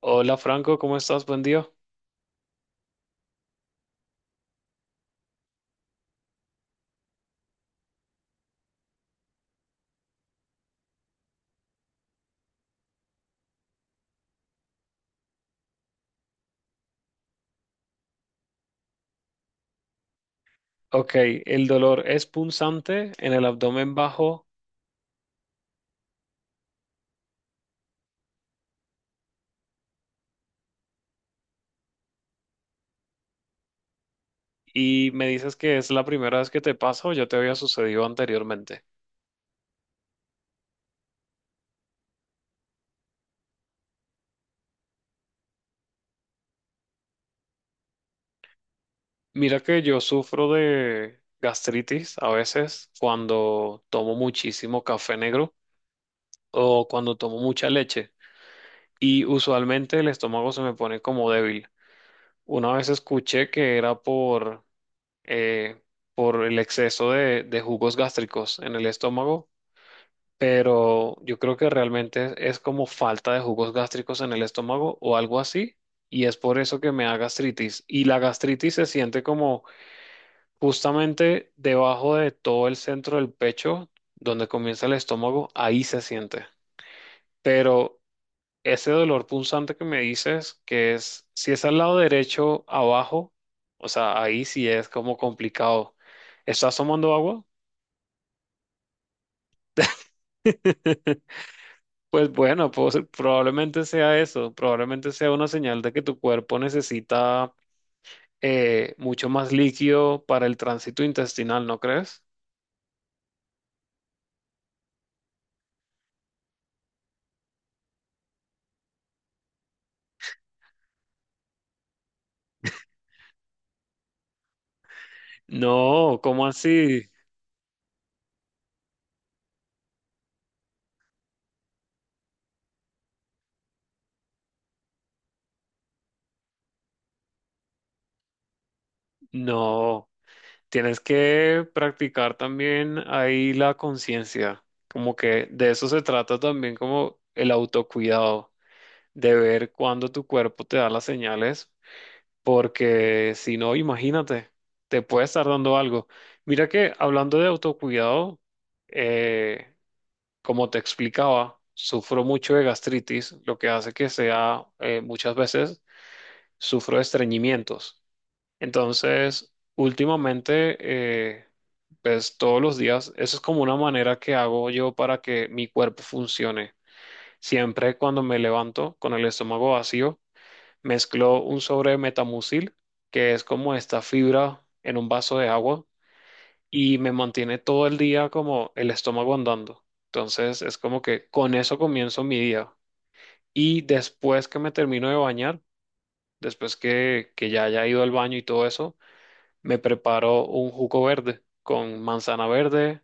Hola Franco, ¿cómo estás? Buen día. Ok, el dolor es punzante en el abdomen bajo y me dices que es la primera vez que te pasa o ya te había sucedido anteriormente. Mira que yo sufro de gastritis a veces cuando tomo muchísimo café negro o cuando tomo mucha leche y usualmente el estómago se me pone como débil. Una vez escuché que era eh, por el exceso de jugos gástricos en el estómago, pero yo creo que realmente es como falta de jugos gástricos en el estómago o algo así, y es por eso que me da gastritis. Y la gastritis se siente como justamente debajo de todo el centro del pecho, donde comienza el estómago, ahí se siente. Pero ese dolor punzante que me dices, que es, si es al lado derecho, abajo, o sea, ahí sí es como complicado. ¿Estás tomando agua? Pues bueno, pues probablemente sea eso, probablemente sea una señal de que tu cuerpo necesita, mucho más líquido para el tránsito intestinal, ¿no crees? No, ¿cómo así? No, tienes que practicar también ahí la conciencia, como que de eso se trata también como el autocuidado, de ver cuándo tu cuerpo te da las señales, porque si no, imagínate, te puede estar dando algo. Mira que hablando de autocuidado, eh, como te explicaba, sufro mucho de gastritis, lo que hace que sea, muchas veces, sufro de estreñimientos. Entonces, últimamente, eh, pues todos los días, eso es como una manera que hago yo para que mi cuerpo funcione. Siempre cuando me levanto con el estómago vacío, mezcló un sobre de metamucil, que es como esta fibra en un vaso de agua, y me mantiene todo el día como el estómago andando. Entonces es como que con eso comienzo mi día. Y después que me termino de bañar, después que ya haya ido al baño y todo eso, me preparo un jugo verde con manzana verde,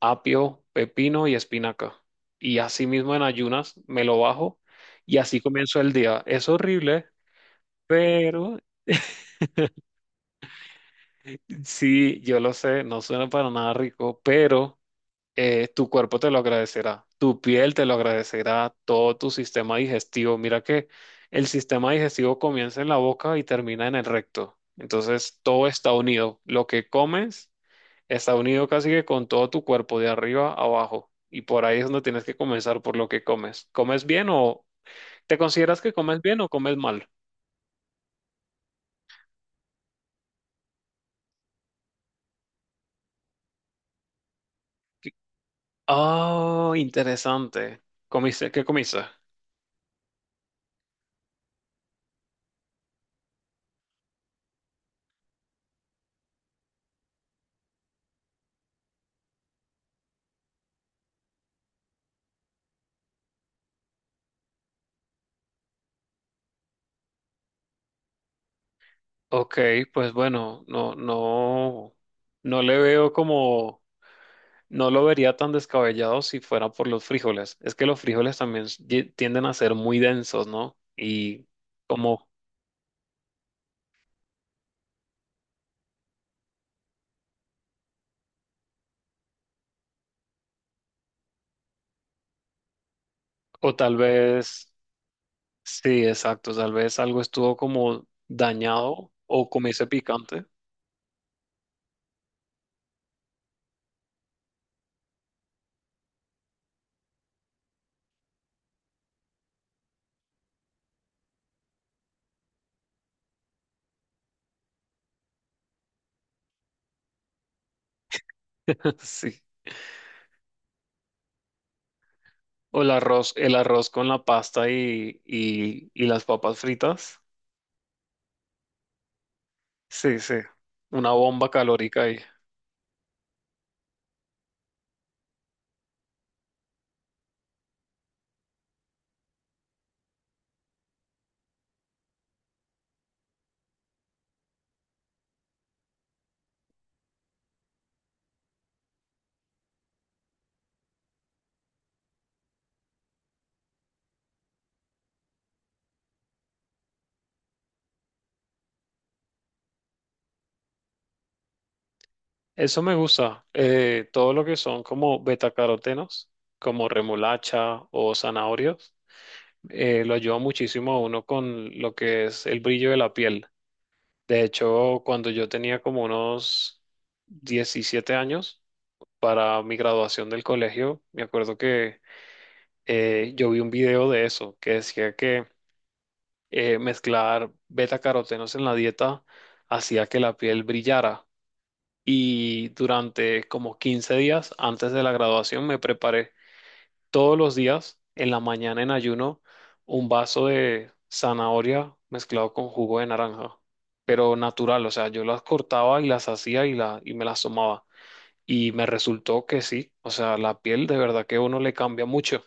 apio, pepino y espinaca. Y así mismo en ayunas me lo bajo y así comienzo el día. Es horrible. Pero sí, yo lo sé, no suena para nada rico, pero tu cuerpo te lo agradecerá, tu piel te lo agradecerá, todo tu sistema digestivo. Mira que el sistema digestivo comienza en la boca y termina en el recto. Entonces todo está unido. Lo que comes está unido casi que con todo tu cuerpo, de arriba a abajo. Y por ahí es donde tienes que comenzar por lo que comes. ¿Comes bien o te consideras que comes bien o comes mal? Oh, interesante. ¿Comiste? ¿Qué comiste? Ok, pues bueno, no, no, no le veo como, no lo vería tan descabellado si fuera por los frijoles. Es que los frijoles también tienden a ser muy densos, ¿no? Y como, o tal vez, sí, exacto, tal vez algo estuvo como dañado o comiese picante. Sí. O el arroz con la pasta y las papas fritas, sí, sí, una bomba calórica ahí. Eso me gusta. Todo lo que son como betacarotenos, como remolacha o zanahorios, lo ayuda muchísimo a uno con lo que es el brillo de la piel. De hecho, cuando yo tenía como unos 17 años para mi graduación del colegio, me acuerdo que yo vi un video de eso que decía que mezclar betacarotenos en la dieta hacía que la piel brillara. Y durante como 15 días antes de la graduación me preparé todos los días en la mañana en ayuno un vaso de zanahoria mezclado con jugo de naranja, pero natural, o sea, yo las cortaba y las hacía y me las tomaba. Y me resultó que sí, o sea, la piel de verdad que a uno le cambia mucho.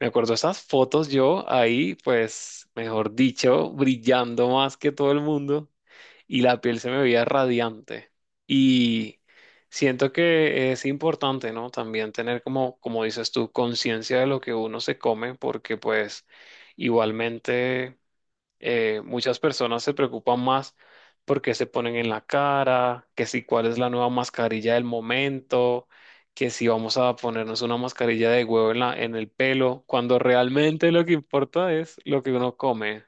Me acuerdo esas fotos yo ahí, pues, mejor dicho, brillando más que todo el mundo y la piel se me veía radiante. Y siento que es importante, ¿no? También tener como, como dices tú, conciencia de lo que uno se come, porque pues igualmente muchas personas se preocupan más porque se ponen en la cara, que si cuál es la nueva mascarilla del momento, que si vamos a ponernos una mascarilla de huevo en en el pelo, cuando realmente lo que importa es lo que uno come.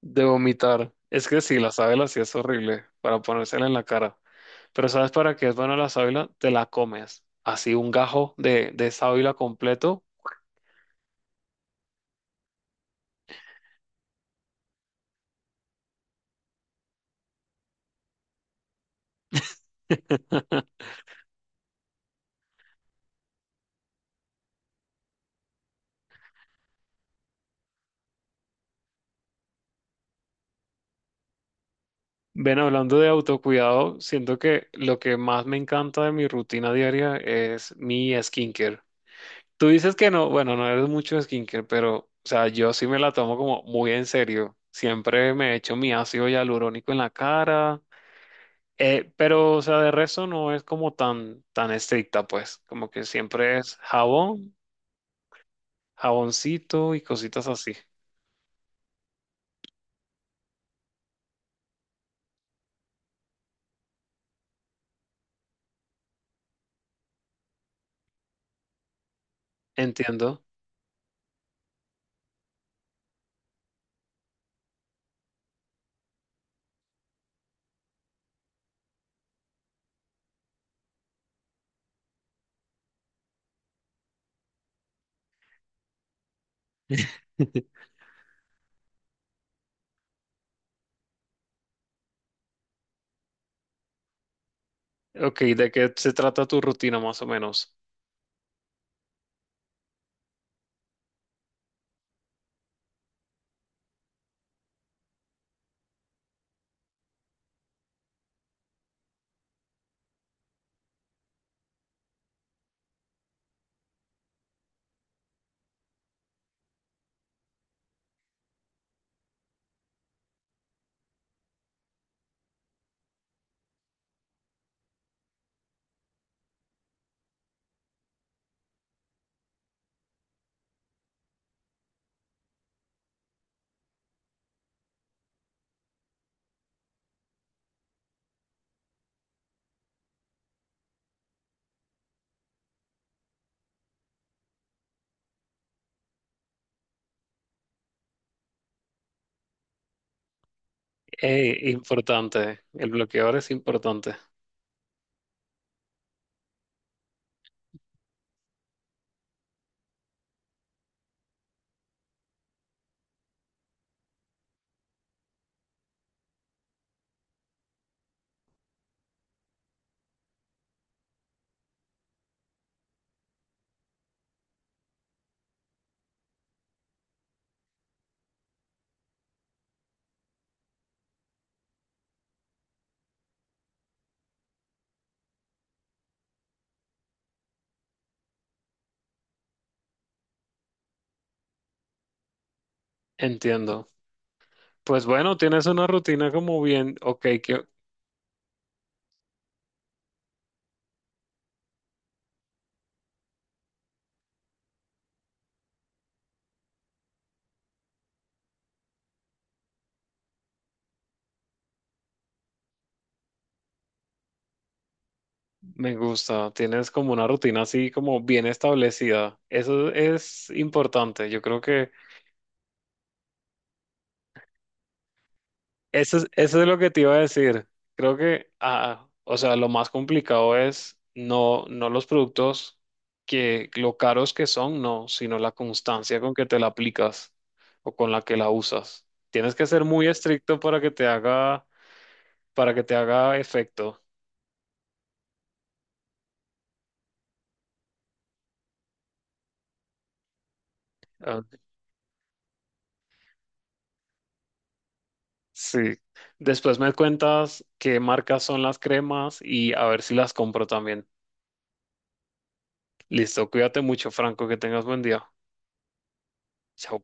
De vomitar. Es que sí, la sábila sí es horrible para ponérsela en la cara. Pero ¿sabes para qué es buena la sábila? Te la comes. Así un gajo de sábila completo. Ven, hablando de autocuidado, siento que lo que más me encanta de mi rutina diaria es mi skincare. Tú dices que no, bueno, no eres mucho de skincare, pero, o sea, yo sí me la tomo como muy en serio. Siempre me echo mi ácido hialurónico en la cara. Pero, o sea, de resto no es como tan, tan estricta, pues, como que siempre es jabón, jaboncito y cositas así. Entiendo. Ok, ¿de qué se trata tu rutina más o menos? Importante, el bloqueador es importante. Entiendo. Pues bueno, tienes una rutina como bien, ok, que me gusta, tienes como una rutina así como bien establecida. Eso es importante. Yo creo que eso es, eso es lo que te iba a decir. Creo que, ah, o sea, lo más complicado es no, no los productos, que lo caros que son, no, sino la constancia con que te la aplicas o con la que la usas. Tienes que ser muy estricto para que te haga, para que te haga efecto. Ah, sí. Después me cuentas qué marcas son las cremas y a ver si las compro también. Listo, cuídate mucho, Franco, que tengas buen día. Chao.